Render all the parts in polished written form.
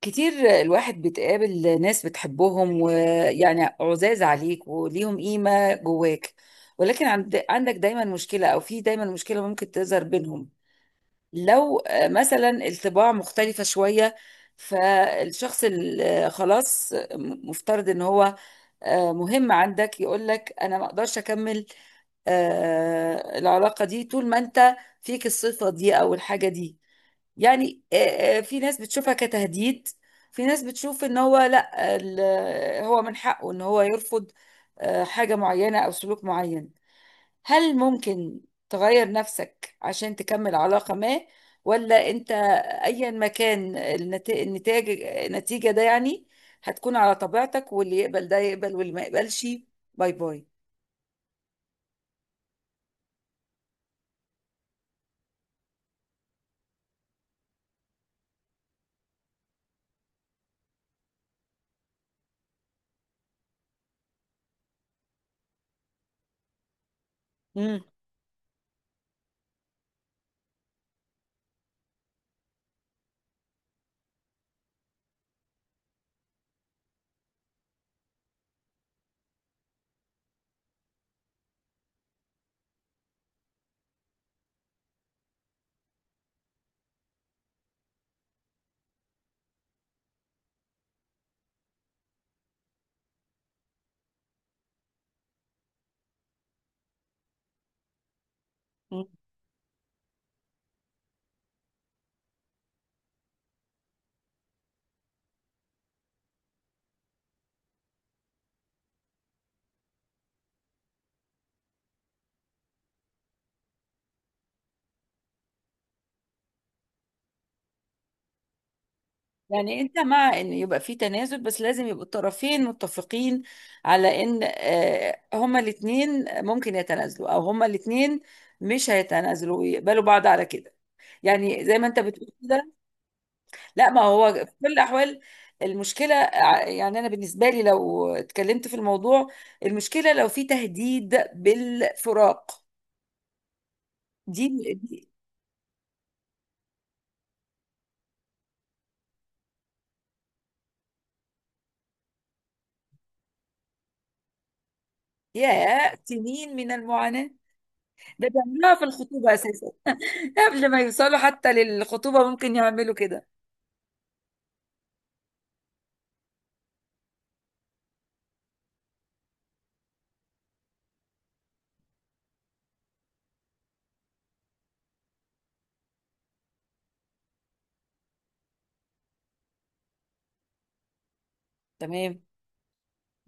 كتير. الواحد بتقابل ناس بتحبهم ويعني عزاز عليك وليهم قيمة جواك، ولكن عندك دايما مشكلة، أو في دايما مشكلة ممكن تظهر بينهم. لو مثلا الطباع مختلفة شوية، فالشخص اللي خلاص مفترض إن هو مهم عندك، يقولك أنا ما أقدرش أكمل العلاقة دي طول ما أنت فيك الصفة دي أو الحاجة دي. يعني في ناس بتشوفها كتهديد، في ناس بتشوف ان هو لا هو من حقه ان هو يرفض حاجة معينة او سلوك معين. هل ممكن تغير نفسك عشان تكمل علاقة ما، ولا انت ايا ما كان النتاج النتيجة ده، يعني هتكون على طبيعتك، واللي يقبل ده يقبل واللي ما يقبلش باي باي. مم. يعني انت مع ان يبقى في تنازل، بس لازم يبقوا الطرفين متفقين على ان هما الاتنين ممكن يتنازلوا او هما الاتنين مش هيتنازلوا ويقبلوا بعض على كده، يعني زي ما انت بتقول كده. لا، ما هو في كل الاحوال المشكلة يعني انا بالنسبة لي لو اتكلمت في الموضوع، المشكلة لو في تهديد بالفراق دي. دي- يا سنين من المعاناة! ده بيعملوها في الخطوبة اساسا، قبل ما يوصلوا حتى للخطوبة ممكن يعملوا كده. تمام.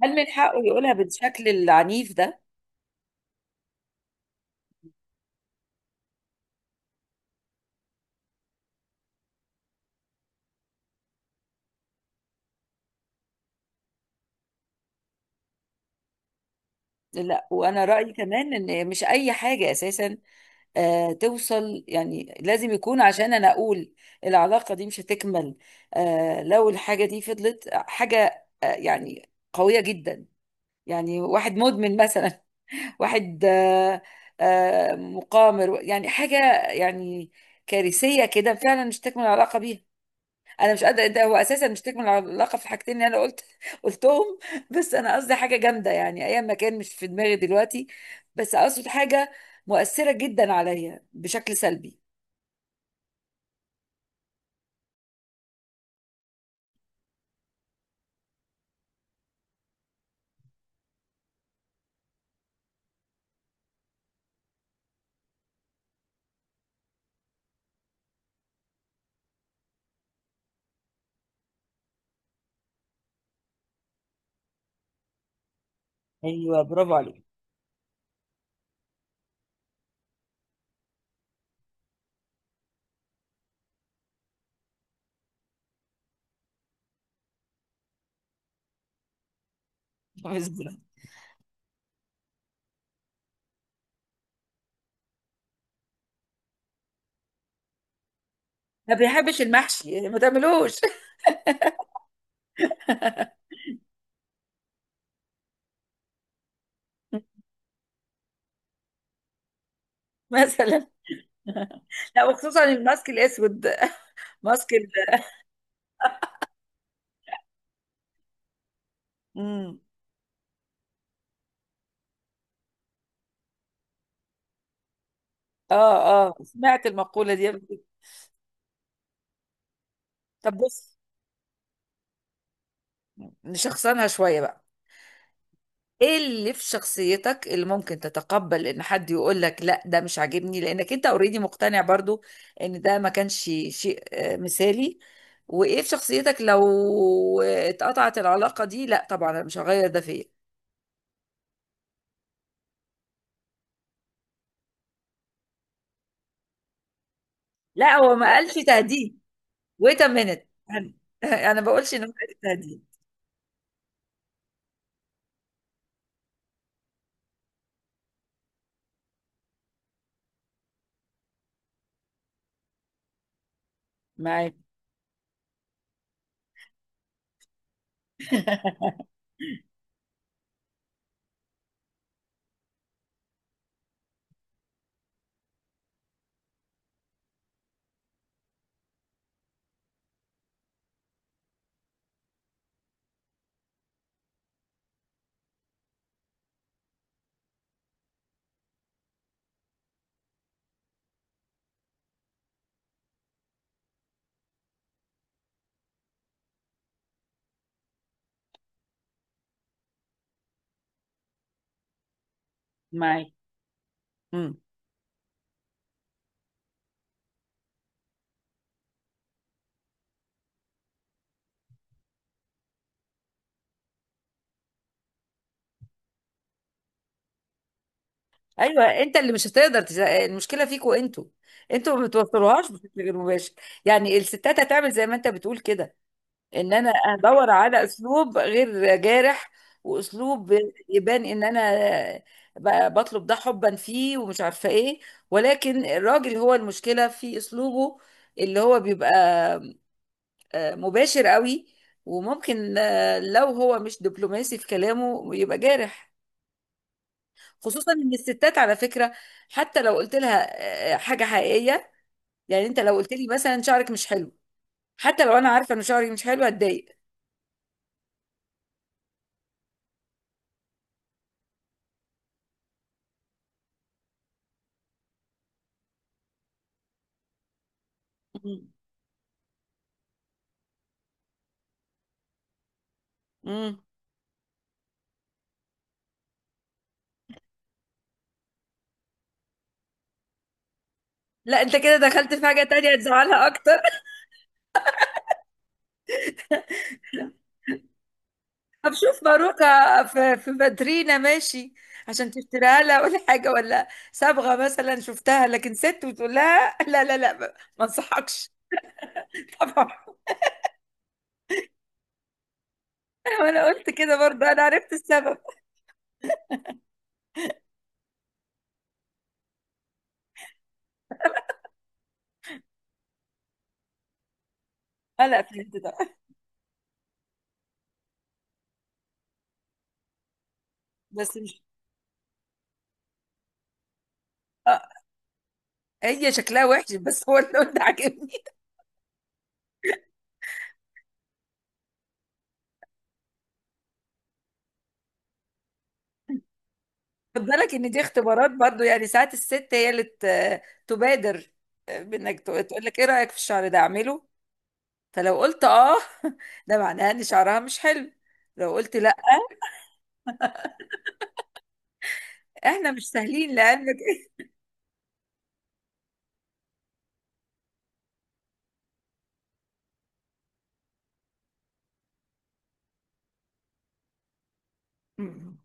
هل من حقه يقولها بالشكل العنيف ده؟ لا، وأنا رأيي كمان إن مش أي حاجة أساسا توصل، يعني لازم يكون عشان أنا أقول العلاقة دي مش هتكمل. لو الحاجة دي فضلت حاجة يعني قوية جدا، يعني واحد مدمن مثلا، واحد مقامر، يعني حاجة يعني كارثية كده، فعلا مش تكمل العلاقة بيها. انا مش قادره، ده هو اساسا مش تكمل العلاقه في الحاجتين اللي انا قلت قلتهم، بس انا قصدي حاجه جامده يعني ايا ما كان، مش في دماغي دلوقتي، بس اقصد حاجه مؤثره جدا عليا بشكل سلبي. مثلا ما بيحبش المحشي، يعني ما تعملوش. مثلا. لا، وخصوصا الماسك الاسود. ماسك امم. اه. اه، سمعت المقوله دي قبل كده. طب بص، نشخصنها شويه بقى. ايه اللي في شخصيتك اللي ممكن تتقبل ان حد يقول لك لا ده مش عاجبني، لانك انت اوريدي مقتنع برضو ان ده ما كانش شيء مثالي، وايه في شخصيتك لو اتقطعت العلاقة دي لا طبعا انا مش هغير ده فيا. لا، هو ما قالش تهديد، ويت ا مينيت، انا أنا بقولش انه تهديد. معاك. معاك. امم. ايوه، انت اللي مش هتقدر تز... المشكله فيكوا انتوا، انتوا ما بتوصلوهاش بشكل غير مباشر. يعني الستات هتعمل زي ما انت بتقول كده، ان انا ادور على اسلوب غير جارح، واسلوب يبان ان انا بطلب ده حبا فيه ومش عارفه ايه، ولكن الراجل هو المشكله في اسلوبه، اللي هو بيبقى مباشر قوي، وممكن لو هو مش دبلوماسي في كلامه يبقى جارح. خصوصا ان الستات على فكره، حتى لو قلت لها حاجه حقيقيه، يعني انت لو قلت لي مثلا شعرك مش حلو، حتى لو انا عارفه ان شعري مش حلو هتضايق. مم. مم. لا، انت كده دخلت في حاجة تانية تزعلها اكتر. طب شوف باروكة في مدرينا، ماشي، عشان تشتريها لها، ولا حاجة، ولا صبغة مثلا شفتها لكن ست، وتقول لها لا لا لا، ما ما انصحكش. طبعا. وانا قلت كده برضه انا عرفت السبب. لا، فهمت ده، بس مش اه، هي شكلها وحش، بس هو اللون ده عاجبني. خد بالك ان دي اختبارات برضه، يعني ساعات الست هي اللي تبادر بانك تقول لك ايه رأيك في الشعر ده اعمله، فلو قلت اه ده معناه ان شعرها مش حلو، لو قلت لا احنا مش سهلين لعلمك. مم.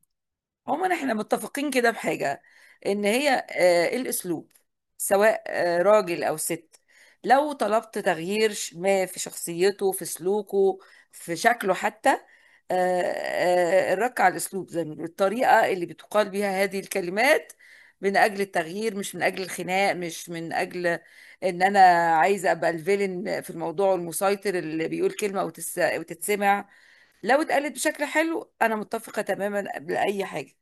عموما احنا متفقين كده بحاجة، ان هي الاسلوب سواء راجل او ست، لو طلبت تغيير ش- ما في شخصيته، في سلوكه، في شكله حتى، الرك على الأسلوب، زي ما بيقولوا الطريقة اللي بتقال بيها هذه الكلمات، من أجل التغيير مش من أجل الخناق، مش من أجل إن أنا عايزة أبقى الفيلن في الموضوع والمسيطر اللي بيقول كلمة وتتسمع. لو اتقالت بشكل حلو أنا متفقة تماما قبل أي حاجة.